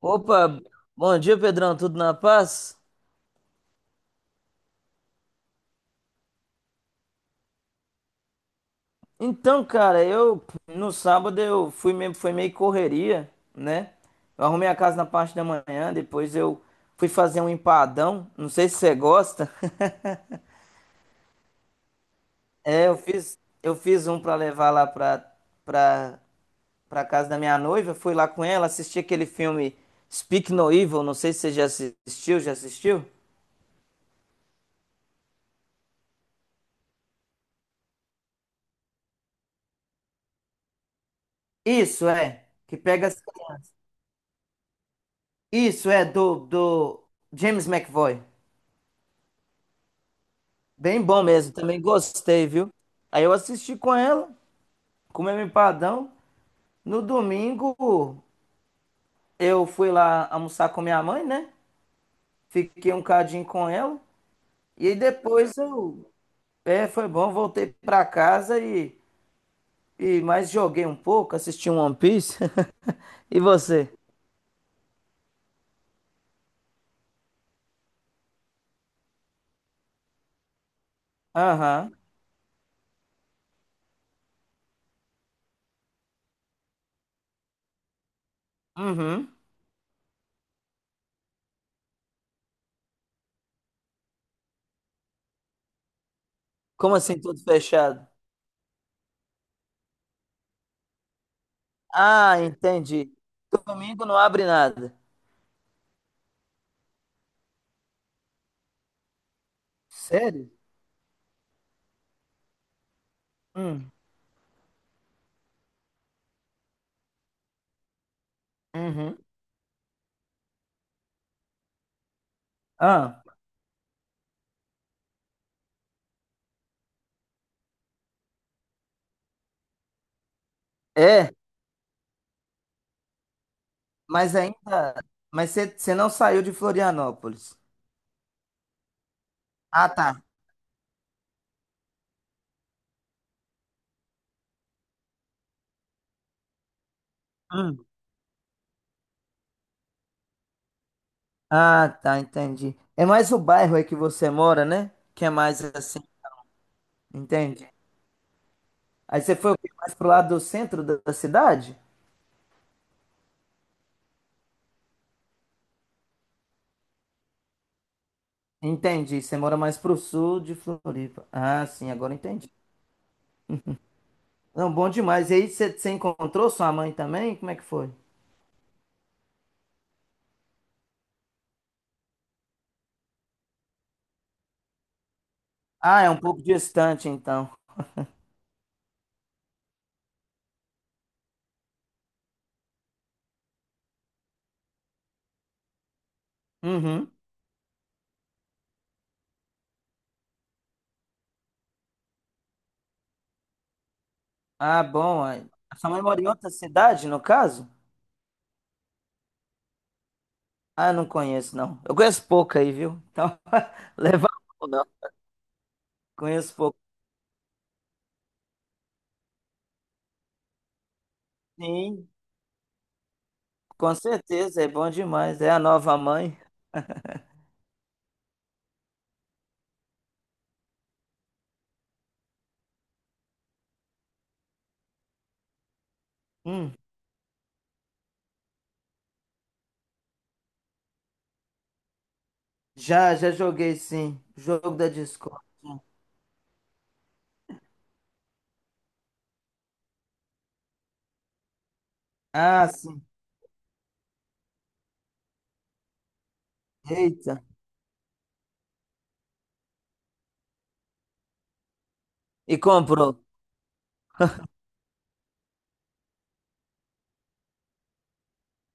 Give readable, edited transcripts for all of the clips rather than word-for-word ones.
Opa, bom dia, Pedrão, tudo na paz? Então, cara, eu no sábado eu foi meio correria, né? Eu arrumei a casa na parte da manhã, depois eu fui fazer um empadão, não sei se você gosta. É, eu fiz um pra levar lá pra para para casa da minha noiva, fui lá com ela, assisti aquele filme Speak No Evil, não sei se você já assistiu? Isso é, que pega as crianças. Isso é do James McAvoy. Bem bom mesmo, também gostei, viu? Aí eu assisti com ela, comemos empadão. No domingo, eu fui lá almoçar com minha mãe, né? Fiquei um cadinho com ela. E aí depois eu. É, foi bom, voltei pra casa e mais joguei um pouco, assisti um One Piece. E você? Aham. Uhum. Como assim, tudo fechado? Ah, entendi. Domingo não abre nada. Sério? Hum. Uhum. Ah, é? Mas ainda. Mas você não saiu de Florianópolis. Ah, tá. Hum. Ah, tá, entendi. É mais o bairro aí que você mora, né? Que é mais assim. Entendi. Aí você foi o quê? Mais pro lado do centro da cidade? Entendi. Você mora mais pro sul de Floripa. Ah, sim, agora entendi. Não, bom demais. E aí você encontrou sua mãe também? Como é que foi? Ah, é um pouco distante, então. Uhum. Ah, bom. Aí. A sua mãe mora em outra cidade, no caso? Ah, não conheço, não. Eu conheço pouco aí, viu? Então, leva a mão, não. Conheço pouco. Sim, com certeza, é bom demais. É a nova mãe. Hum, já joguei, sim. Jogo da Discord. Ah, sim. Eita. E comprou.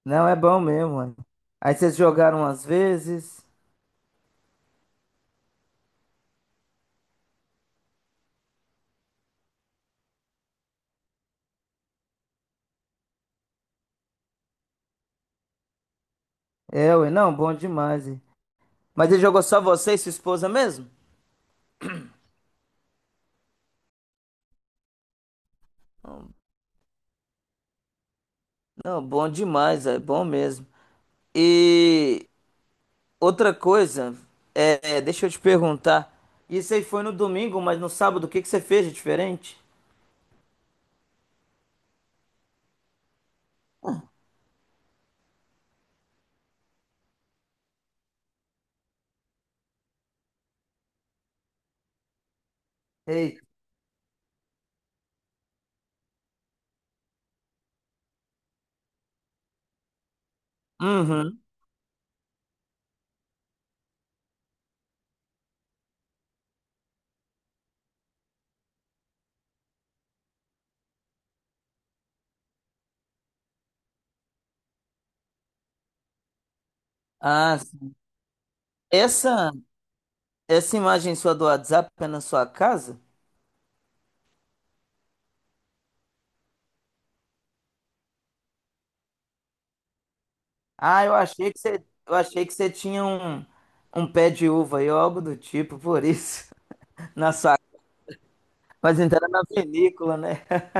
Não, é bom mesmo, mano. Aí vocês jogaram umas vezes. É, ué, não, bom demais. Ué. Mas ele jogou só você e sua esposa mesmo? Não, bom demais, é bom mesmo. E outra coisa, deixa eu te perguntar. Isso aí foi no domingo, mas no sábado o que que você fez de diferente? Ei. Uhum. Ah, sim. essa essa imagem sua do WhatsApp é na sua casa? Ah, eu achei que você tinha um pé de uva aí ou algo do tipo, por isso na sua. Mas então era na vinícola, né?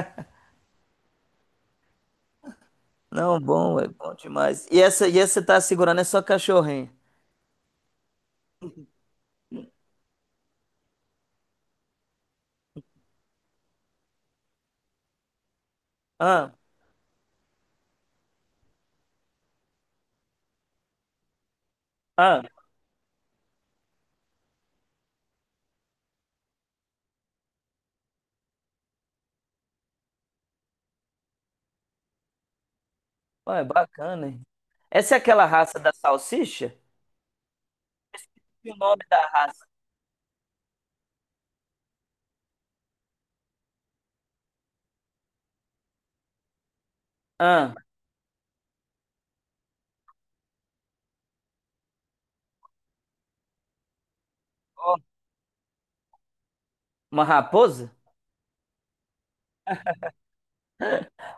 Não, bom, é bom demais. E essa você tá segurando é sua cachorrinha? Ah, ah, ué, bacana, hein? Essa é aquela raça da salsicha? O nome da raça. Ah, ó, uma raposa?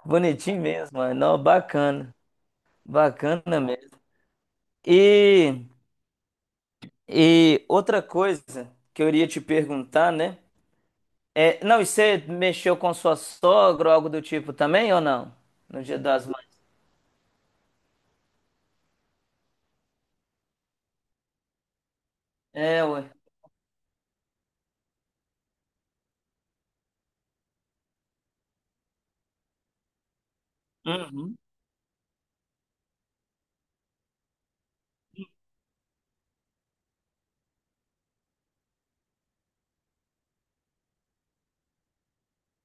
Bonitinho mesmo, mano. Não, bacana. Bacana mesmo. E, e outra coisa que eu iria te perguntar, né? É, não, e você mexeu com sua sogra ou algo do tipo também ou não? No Dia das Mães? É, ué. Uhum.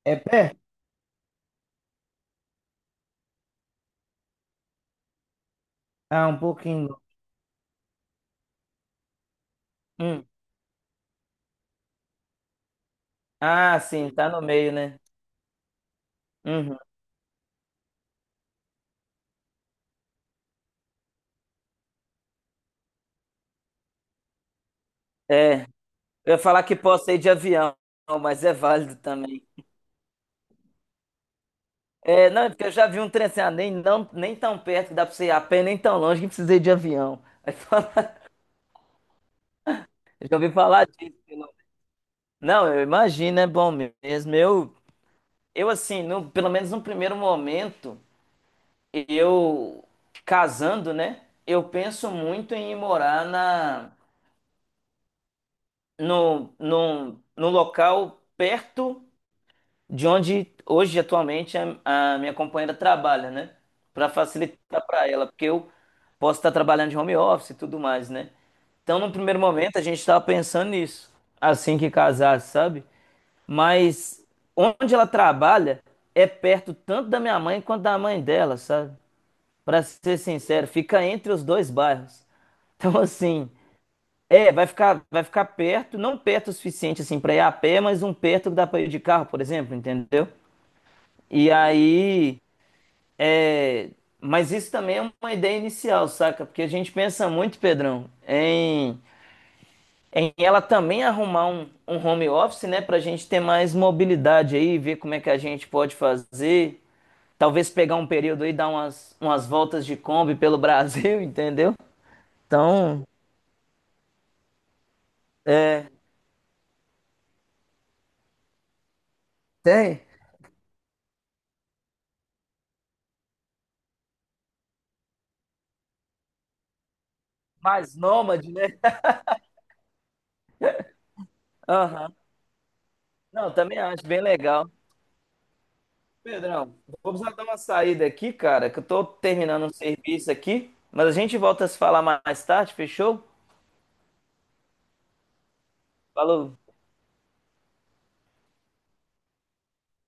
É pé? Ah, um pouquinho. Hum. Ah, sim, tá no meio, né? Uhum. É. Eu ia falar que posso ir de avião, mas é válido também. É, não, é porque eu já vi um trem assim, ah, nem, não, nem tão perto que dá pra você ir a pé, nem tão longe que precisei de avião. Aí fala, eu já ouvi falar disso. Não, não, eu imagino, é bom mesmo. Eu assim, no, pelo menos no primeiro momento, eu casando, né? Eu penso muito em ir morar na, no, num, num local perto de onde hoje atualmente a minha companheira trabalha, né? Para facilitar para ela, porque eu posso estar trabalhando de home office e tudo mais, né? Então, no primeiro momento, a gente estava pensando nisso, assim que casar, sabe? Mas onde ela trabalha é perto tanto da minha mãe quanto da mãe dela, sabe? Para ser sincero, fica entre os dois bairros. Então, assim, é, vai ficar perto, não perto o suficiente assim para ir a pé, mas um perto que dá para ir de carro, por exemplo, entendeu? E aí, é... mas isso também é uma ideia inicial, saca? Porque a gente pensa muito, Pedrão, em ela também arrumar um home office, né? Pra gente ter mais mobilidade aí, ver como é que a gente pode fazer. Talvez pegar um período aí, dar umas voltas de Kombi pelo Brasil, entendeu? Então, é. Tem. Mais nômade, né? Aham. Não, também acho bem legal. Pedrão, vamos dar uma saída aqui, cara, que eu tô terminando um serviço aqui, mas a gente volta a se falar mais tarde, fechou? Falou.